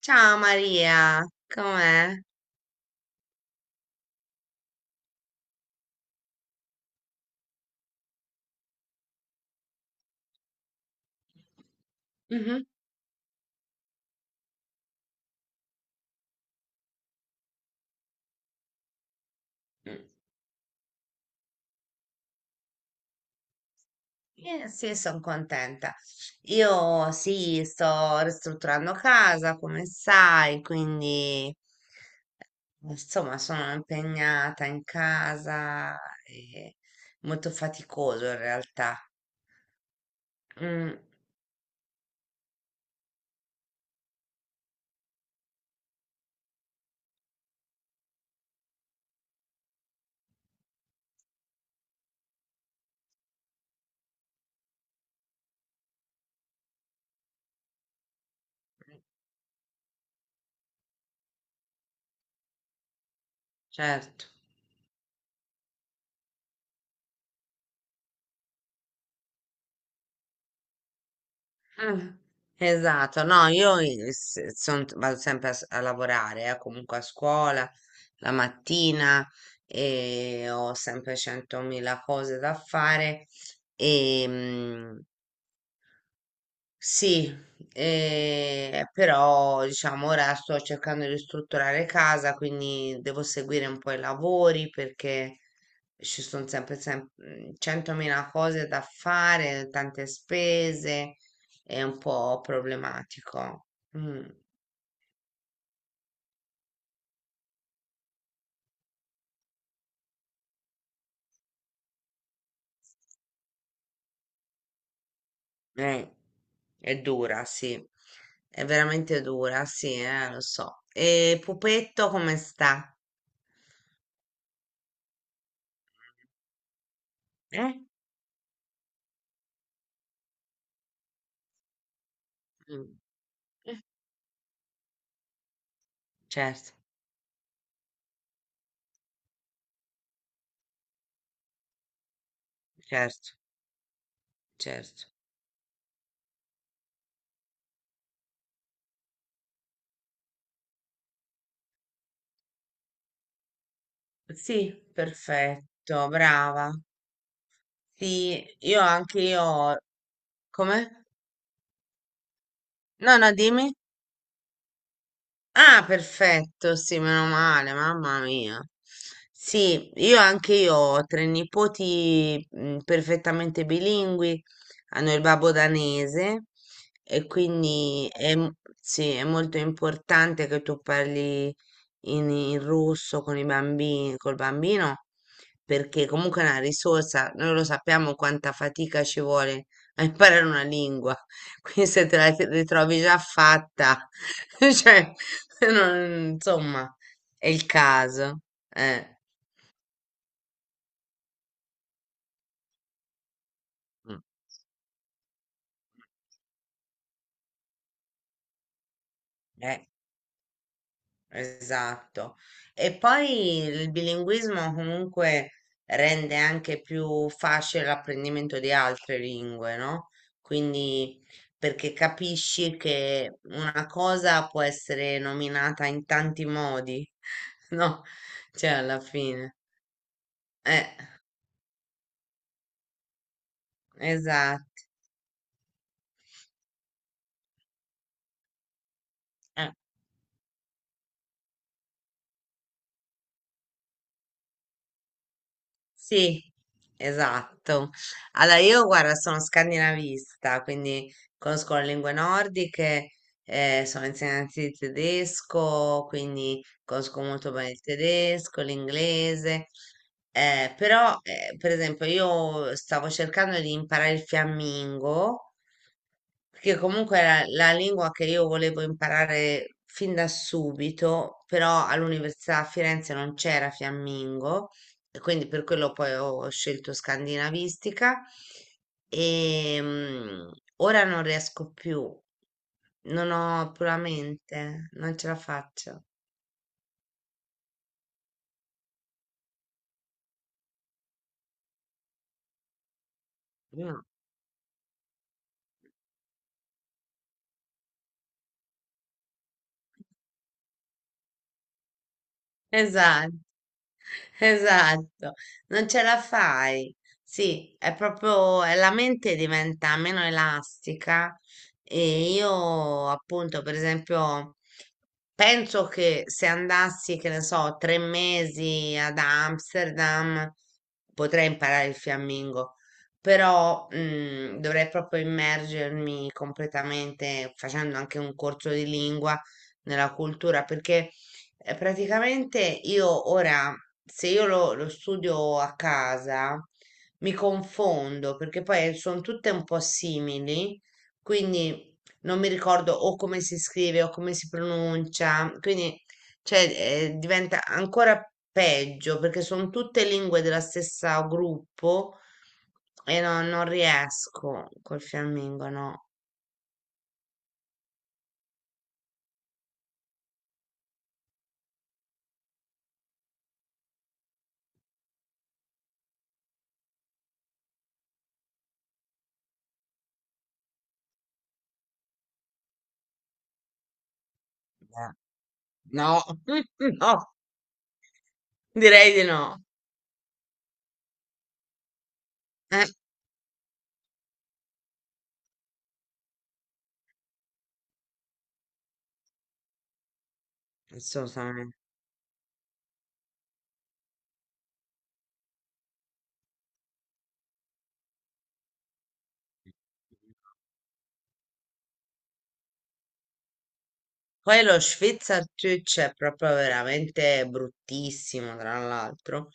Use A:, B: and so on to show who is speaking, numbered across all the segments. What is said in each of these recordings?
A: Ciao Maria, com'è? Mhm. Mm. Sì, sono contenta. Io sì, sto ristrutturando casa, come sai, quindi insomma sono impegnata in casa e molto faticoso in realtà. Mm, certo. Eh, Esatto, no, io vado sempre a lavorare, comunque a scuola la mattina e ho sempre centomila cose da fare e, sì, però diciamo ora sto cercando di ristrutturare casa, quindi devo seguire un po' i lavori perché ci sono sempre, 100.000 cose da fare, tante spese, è un po' problematico. Mm, eh, è dura, sì, è veramente dura, sì, lo so. E Pupetto come sta? Eh? Mm, certo, certo, certo. Sì, perfetto, brava. Sì, io anche io. Come? No, no, dimmi. Ah, perfetto, sì, meno male, mamma mia. Sì, io anche io ho tre nipoti perfettamente bilingui, hanno il babbo danese e quindi è, sì, è molto importante che tu parli in russo con i bambini, col bambino, perché comunque è una risorsa, noi lo sappiamo quanta fatica ci vuole a imparare una lingua. Qui se ritrovi già fatta, cioè, insomma, è il caso. Eh, Mm. eh, esatto. E poi il bilinguismo comunque rende anche più facile l'apprendimento di altre lingue, no? Quindi, perché capisci che una cosa può essere nominata in tanti modi, no? Cioè, alla fine. Eh, esatto. Sì, esatto. Allora, io guarda, sono scandinavista, quindi conosco le lingue nordiche, sono insegnante di tedesco, quindi conosco molto bene il tedesco, l'inglese. Però, per esempio, io stavo cercando di imparare il fiammingo perché comunque era la lingua che io volevo imparare fin da subito, però all'università a Firenze non c'era fiammingo, e quindi per quello poi ho scelto scandinavistica e ora non riesco più, non ho puramente, non ce la faccio. No. Esatto. Esatto, non ce la fai. Sì, è proprio, la mente diventa meno elastica e io appunto, per esempio, penso che se andassi, che ne so, 3 mesi ad Amsterdam potrei imparare il fiammingo, però dovrei proprio immergermi completamente facendo anche un corso di lingua nella cultura perché praticamente io ora, se io lo, lo studio a casa, mi confondo perché poi sono tutte un po' simili, quindi non mi ricordo o come si scrive o come si pronuncia, quindi cioè, diventa ancora peggio perché sono tutte lingue della stessa gruppo e non riesco col fiammingo, no. Eh, No, no, direi di no. Eh, assolutamente. Poi lo Schweizerdeutsch è proprio veramente bruttissimo, tra l'altro.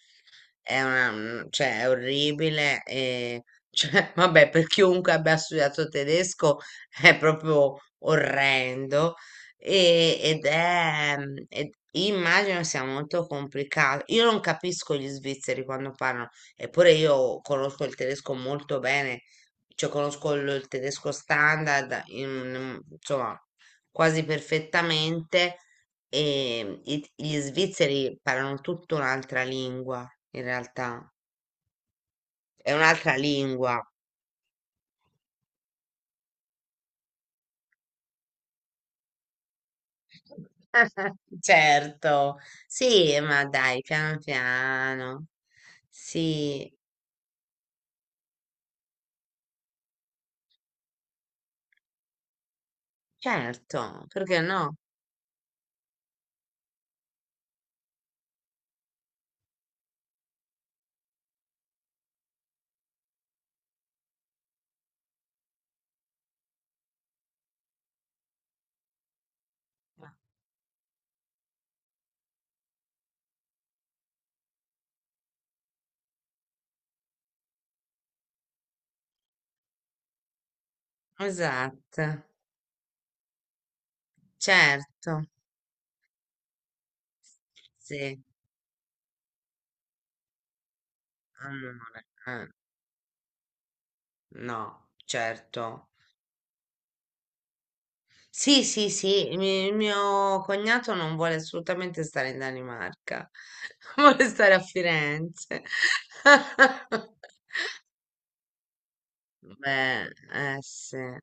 A: È una, cioè, è orribile. E, cioè, vabbè, per chiunque abbia studiato tedesco è proprio orrendo. E, ed è, immagino sia molto complicato. Io non capisco gli svizzeri quando parlano, eppure io conosco il tedesco molto bene, cioè conosco il tedesco standard, insomma quasi perfettamente e gli svizzeri parlano tutta un'altra lingua, in realtà. È un'altra lingua. Certo, sì, ma dai, piano piano. Sì, certo, perché no? Esatto, certo, sì, amore, no, certo. Sì, sì, sì, il mio cognato non vuole assolutamente stare in Danimarca, vuole stare a Firenze. Beh, eh sì,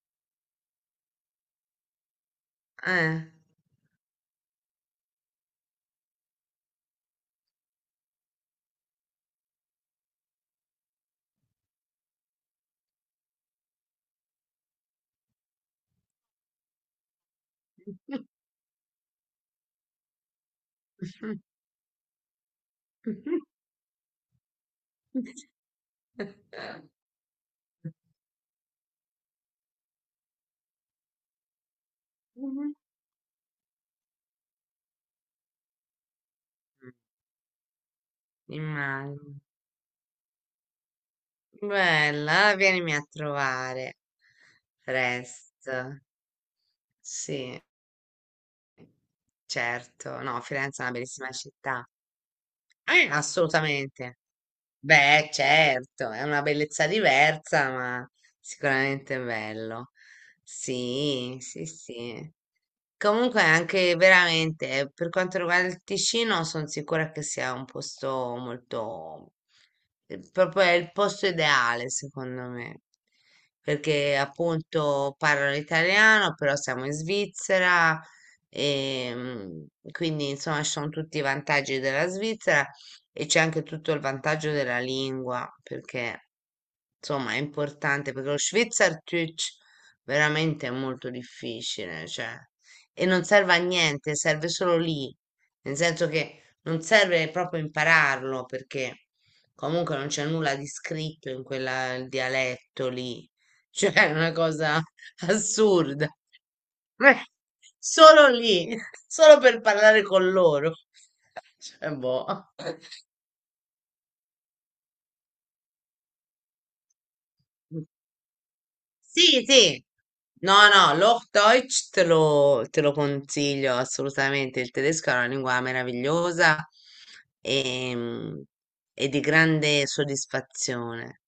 A: eh. Immagino. Bella, vienimi a trovare presto. Sì, certo. No, Firenze è una bellissima città. Assolutamente. Beh, certo, è una bellezza diversa, ma sicuramente bello. Sì, sì, sì. Comunque anche veramente, per quanto riguarda il Ticino, sono sicura che sia un posto molto, proprio è il posto ideale, secondo me. Perché appunto parlo l'italiano, però siamo in Svizzera e quindi insomma ci sono tutti i vantaggi della Svizzera e c'è anche tutto il vantaggio della lingua, perché insomma è importante, perché lo Schweizerdeutsch veramente è molto difficile, cioè, e non serve a niente, serve solo lì, nel senso che non serve proprio impararlo, perché comunque non c'è nulla di scritto in quel dialetto lì, cioè è una cosa assurda. Solo lì, solo per parlare con loro. Cioè, boh. Sì, sì. No, no, l'Hochdeutsch te lo consiglio assolutamente. Il tedesco è una lingua meravigliosa e, e di grande soddisfazione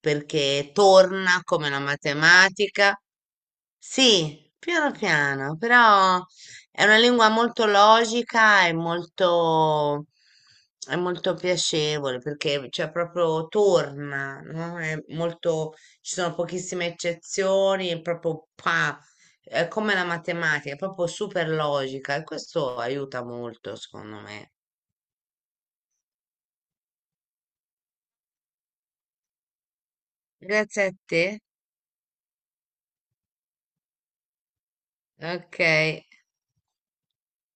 A: perché torna come la matematica. Sì, piano piano, però è una lingua molto logica e molto, è molto piacevole perché cioè, proprio torna, no? È molto ci sono pochissime eccezioni, è come la matematica, è proprio super logica e questo aiuta molto, secondo me. Grazie a te. Ok.